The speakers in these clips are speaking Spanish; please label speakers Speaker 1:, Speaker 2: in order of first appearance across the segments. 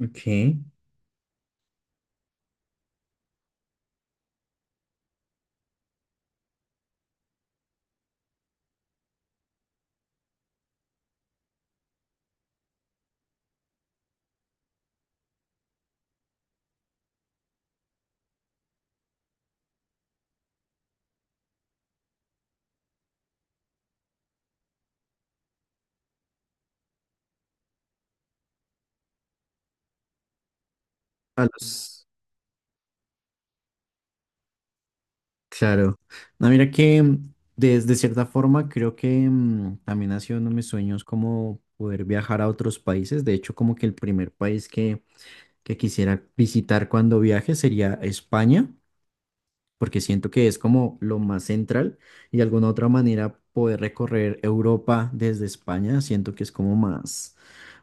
Speaker 1: Ok. A los, claro. No, mira que de cierta forma creo que también ha sido uno de mis sueños como poder viajar a otros países. De hecho, como que el primer país que quisiera visitar cuando viaje sería España, porque siento que es como lo más central y de alguna otra manera poder recorrer Europa desde España, siento que es como más,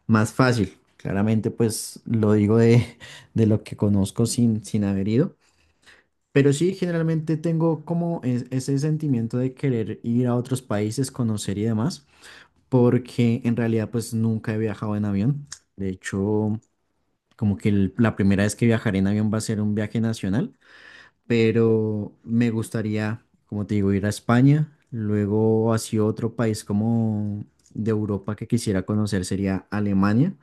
Speaker 1: más fácil. Claramente, pues lo digo de, de lo que conozco sin haber ido. Pero sí, generalmente tengo como ese sentimiento de querer ir a otros países, conocer y demás, porque en realidad pues nunca he viajado en avión. De hecho, como que la primera vez que viajaré en avión va a ser un viaje nacional, pero me gustaría, como te digo, ir a España, luego hacia otro país como de Europa que quisiera conocer sería Alemania.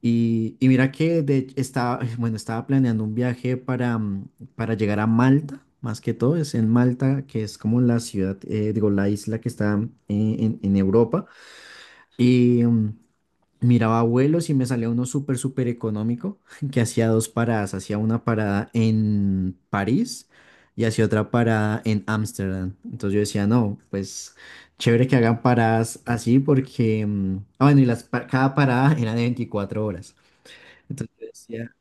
Speaker 1: Y mira que de, estaba, bueno, estaba planeando un viaje para llegar a Malta, más que todo, es en Malta, que es como la ciudad, digo, la isla que está en Europa. Y miraba vuelos y me salía uno súper, súper económico, que hacía dos paradas, hacía una parada en París y hacía otra parada en Ámsterdam. Entonces yo decía, no, pues chévere que hagan paradas así porque, bueno, y cada parada era de 24 horas. Entonces yo decía,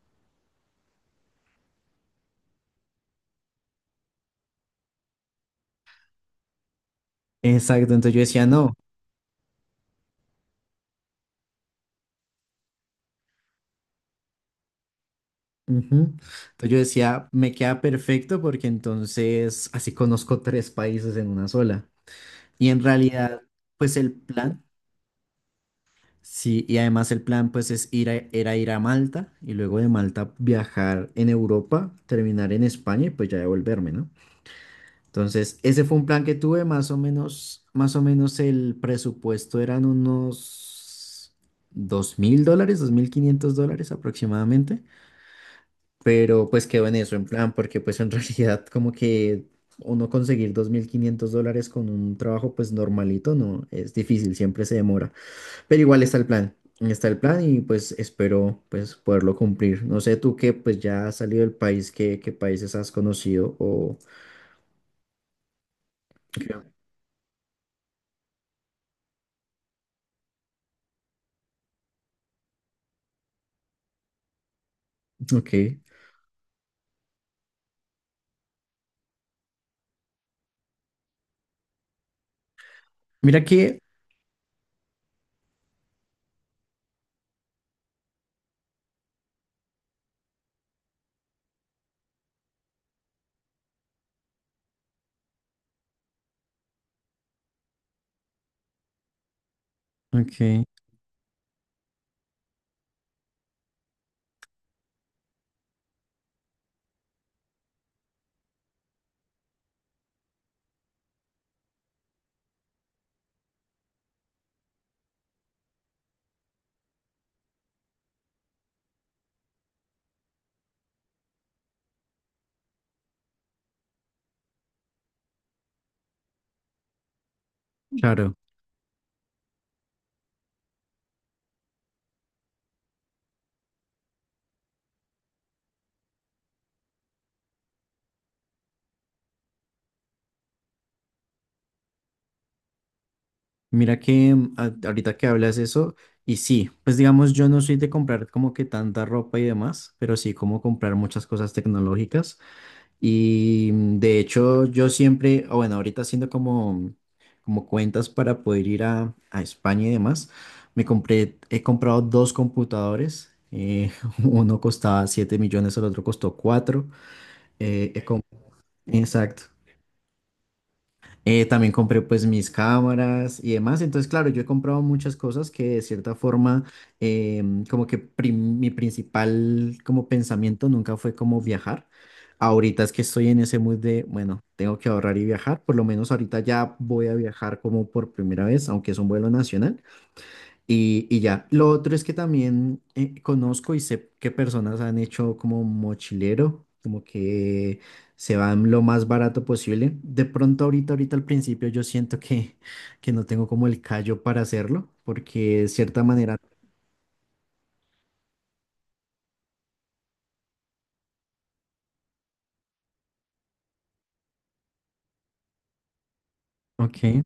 Speaker 1: exacto, entonces yo decía, no. Ujú. Entonces yo decía, me queda perfecto porque entonces así conozco tres países en una sola. Y en realidad, pues el plan, sí, y además el plan pues es ir a, era ir a Malta y luego de Malta viajar en Europa, terminar en España y pues ya devolverme, ¿no? Entonces, ese fue un plan que tuve, más o menos el presupuesto eran unos 2.000 dólares, 2.500 dólares aproximadamente. Pero pues quedó en eso, en plan, porque pues en realidad como que uno conseguir 2.500 dólares con un trabajo pues normalito, no, es difícil, siempre se demora, pero igual está el plan y pues espero pues poderlo cumplir. No sé tú que pues ya has salido del país, ¿qué, qué países has conocido o... Ok, ok. Mira que... Ok, claro. Mira que ahorita que hablas eso, y sí, pues digamos, yo no soy de comprar como que tanta ropa y demás, pero sí como comprar muchas cosas tecnológicas. Y de hecho, yo siempre, o bueno, ahorita haciendo como cuentas para poder ir a España y demás, me compré, he comprado dos computadores. Uno costaba 7 millones, el otro costó 4. eh, he com- exacto. También compré pues mis cámaras y demás. Entonces, claro, yo he comprado muchas cosas que de cierta forma, como que mi principal como pensamiento nunca fue como viajar. Ahorita es que estoy en ese mood de, bueno, tengo que ahorrar y viajar. Por lo menos ahorita ya voy a viajar como por primera vez, aunque es un vuelo nacional. Y ya, lo otro es que también conozco y sé qué personas han hecho como mochilero, como que se van lo más barato posible. De pronto ahorita, ahorita al principio yo siento que no tengo como el callo para hacerlo, porque de cierta manera... Ok.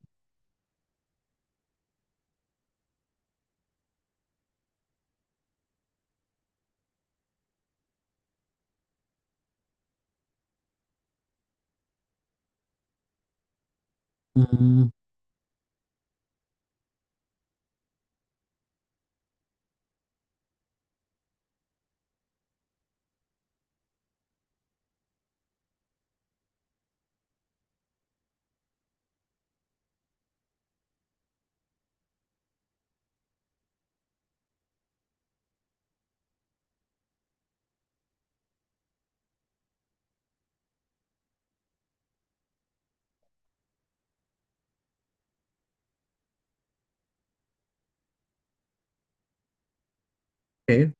Speaker 1: Mm, ok,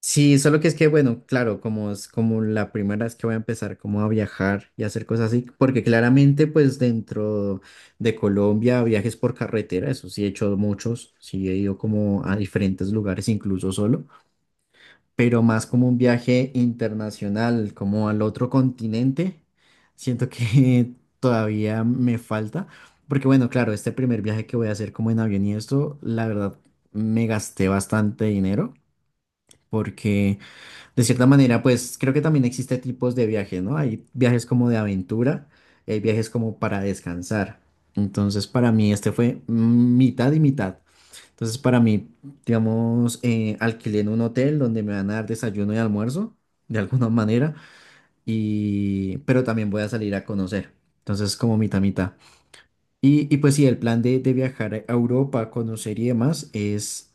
Speaker 1: sí, solo que es que, bueno, claro, como es como la primera vez que voy a empezar como a viajar y hacer cosas así, porque claramente pues dentro de Colombia viajes por carretera, eso sí he hecho muchos, sí he ido como a diferentes lugares incluso solo, pero más como un viaje internacional, como al otro continente, siento que todavía me falta, porque bueno, claro, este primer viaje que voy a hacer como en avión y esto, la verdad, me gasté bastante dinero porque... De cierta manera, pues creo que también existe tipos de viajes, ¿no? Hay viajes como de aventura y hay viajes como para descansar. Entonces, para mí este fue mitad y mitad. Entonces, para mí, digamos, alquilé en un hotel donde me van a dar desayuno y almuerzo, de alguna manera, y... pero también voy a salir a conocer. Entonces, como mitad, mitad. Y pues sí, el plan de viajar a Europa, conocer y demás es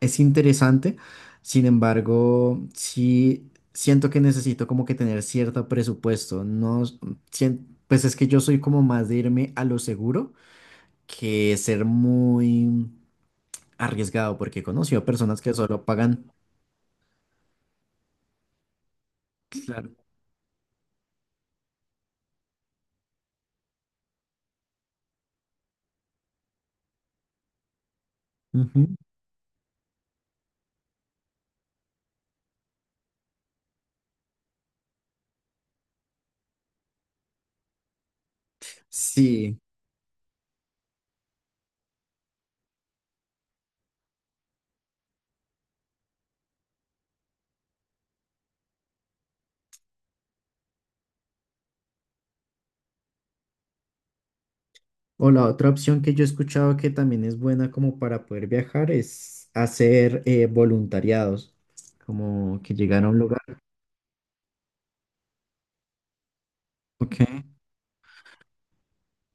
Speaker 1: es interesante, sin embargo, sí siento que necesito como que tener cierto presupuesto. No, pues es que yo soy como más de irme a lo seguro que ser muy arriesgado, porque he conocido personas que solo pagan. Claro. Ujú. Sí. O la otra opción que yo he escuchado que también es buena como para poder viajar es hacer voluntariados, como que llegar a un lugar. Ok.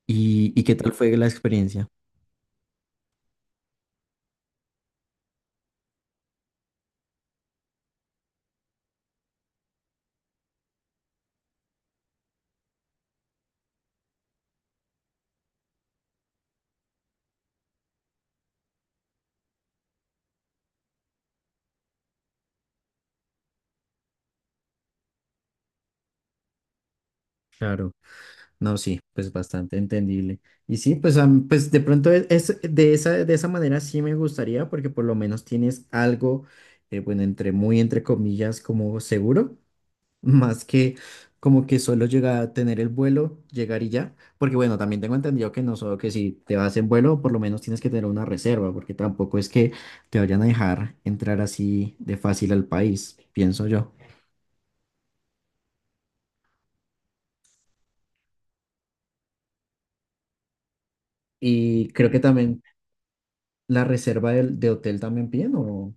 Speaker 1: ¿Y qué tal fue la experiencia? Claro, no, sí, pues bastante entendible. Y sí, pues, pues de pronto de esa manera sí me gustaría porque por lo menos tienes algo, bueno, entre muy entre comillas, como seguro. Más que como que solo llega a tener el vuelo, llegar y ya. Porque bueno, también tengo entendido que no solo que si te vas en vuelo, por lo menos tienes que tener una reserva, porque tampoco es que te vayan a dejar entrar así de fácil al país, pienso yo. Y creo que también la reserva de hotel también piden, ¿o?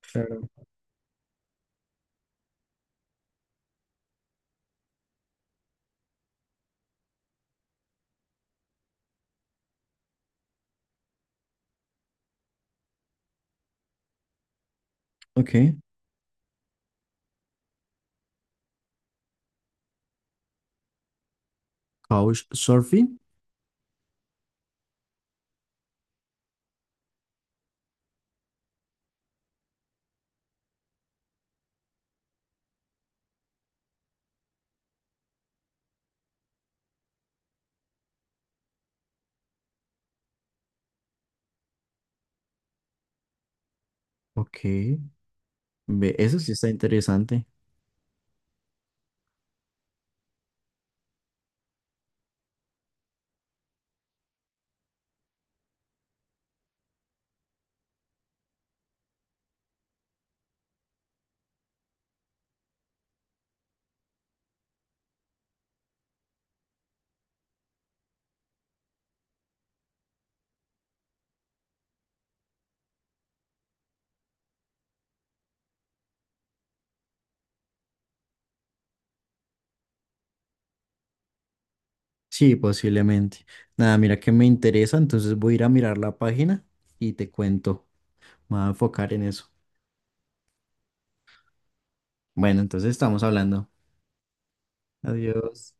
Speaker 1: Claro. Ok. Couchsurfing. Ok. Ve, eso sí está interesante. Sí, posiblemente. Nada, mira que me interesa, entonces voy a ir a mirar la página y te cuento. Me voy a enfocar en eso. Bueno, entonces estamos hablando. Adiós.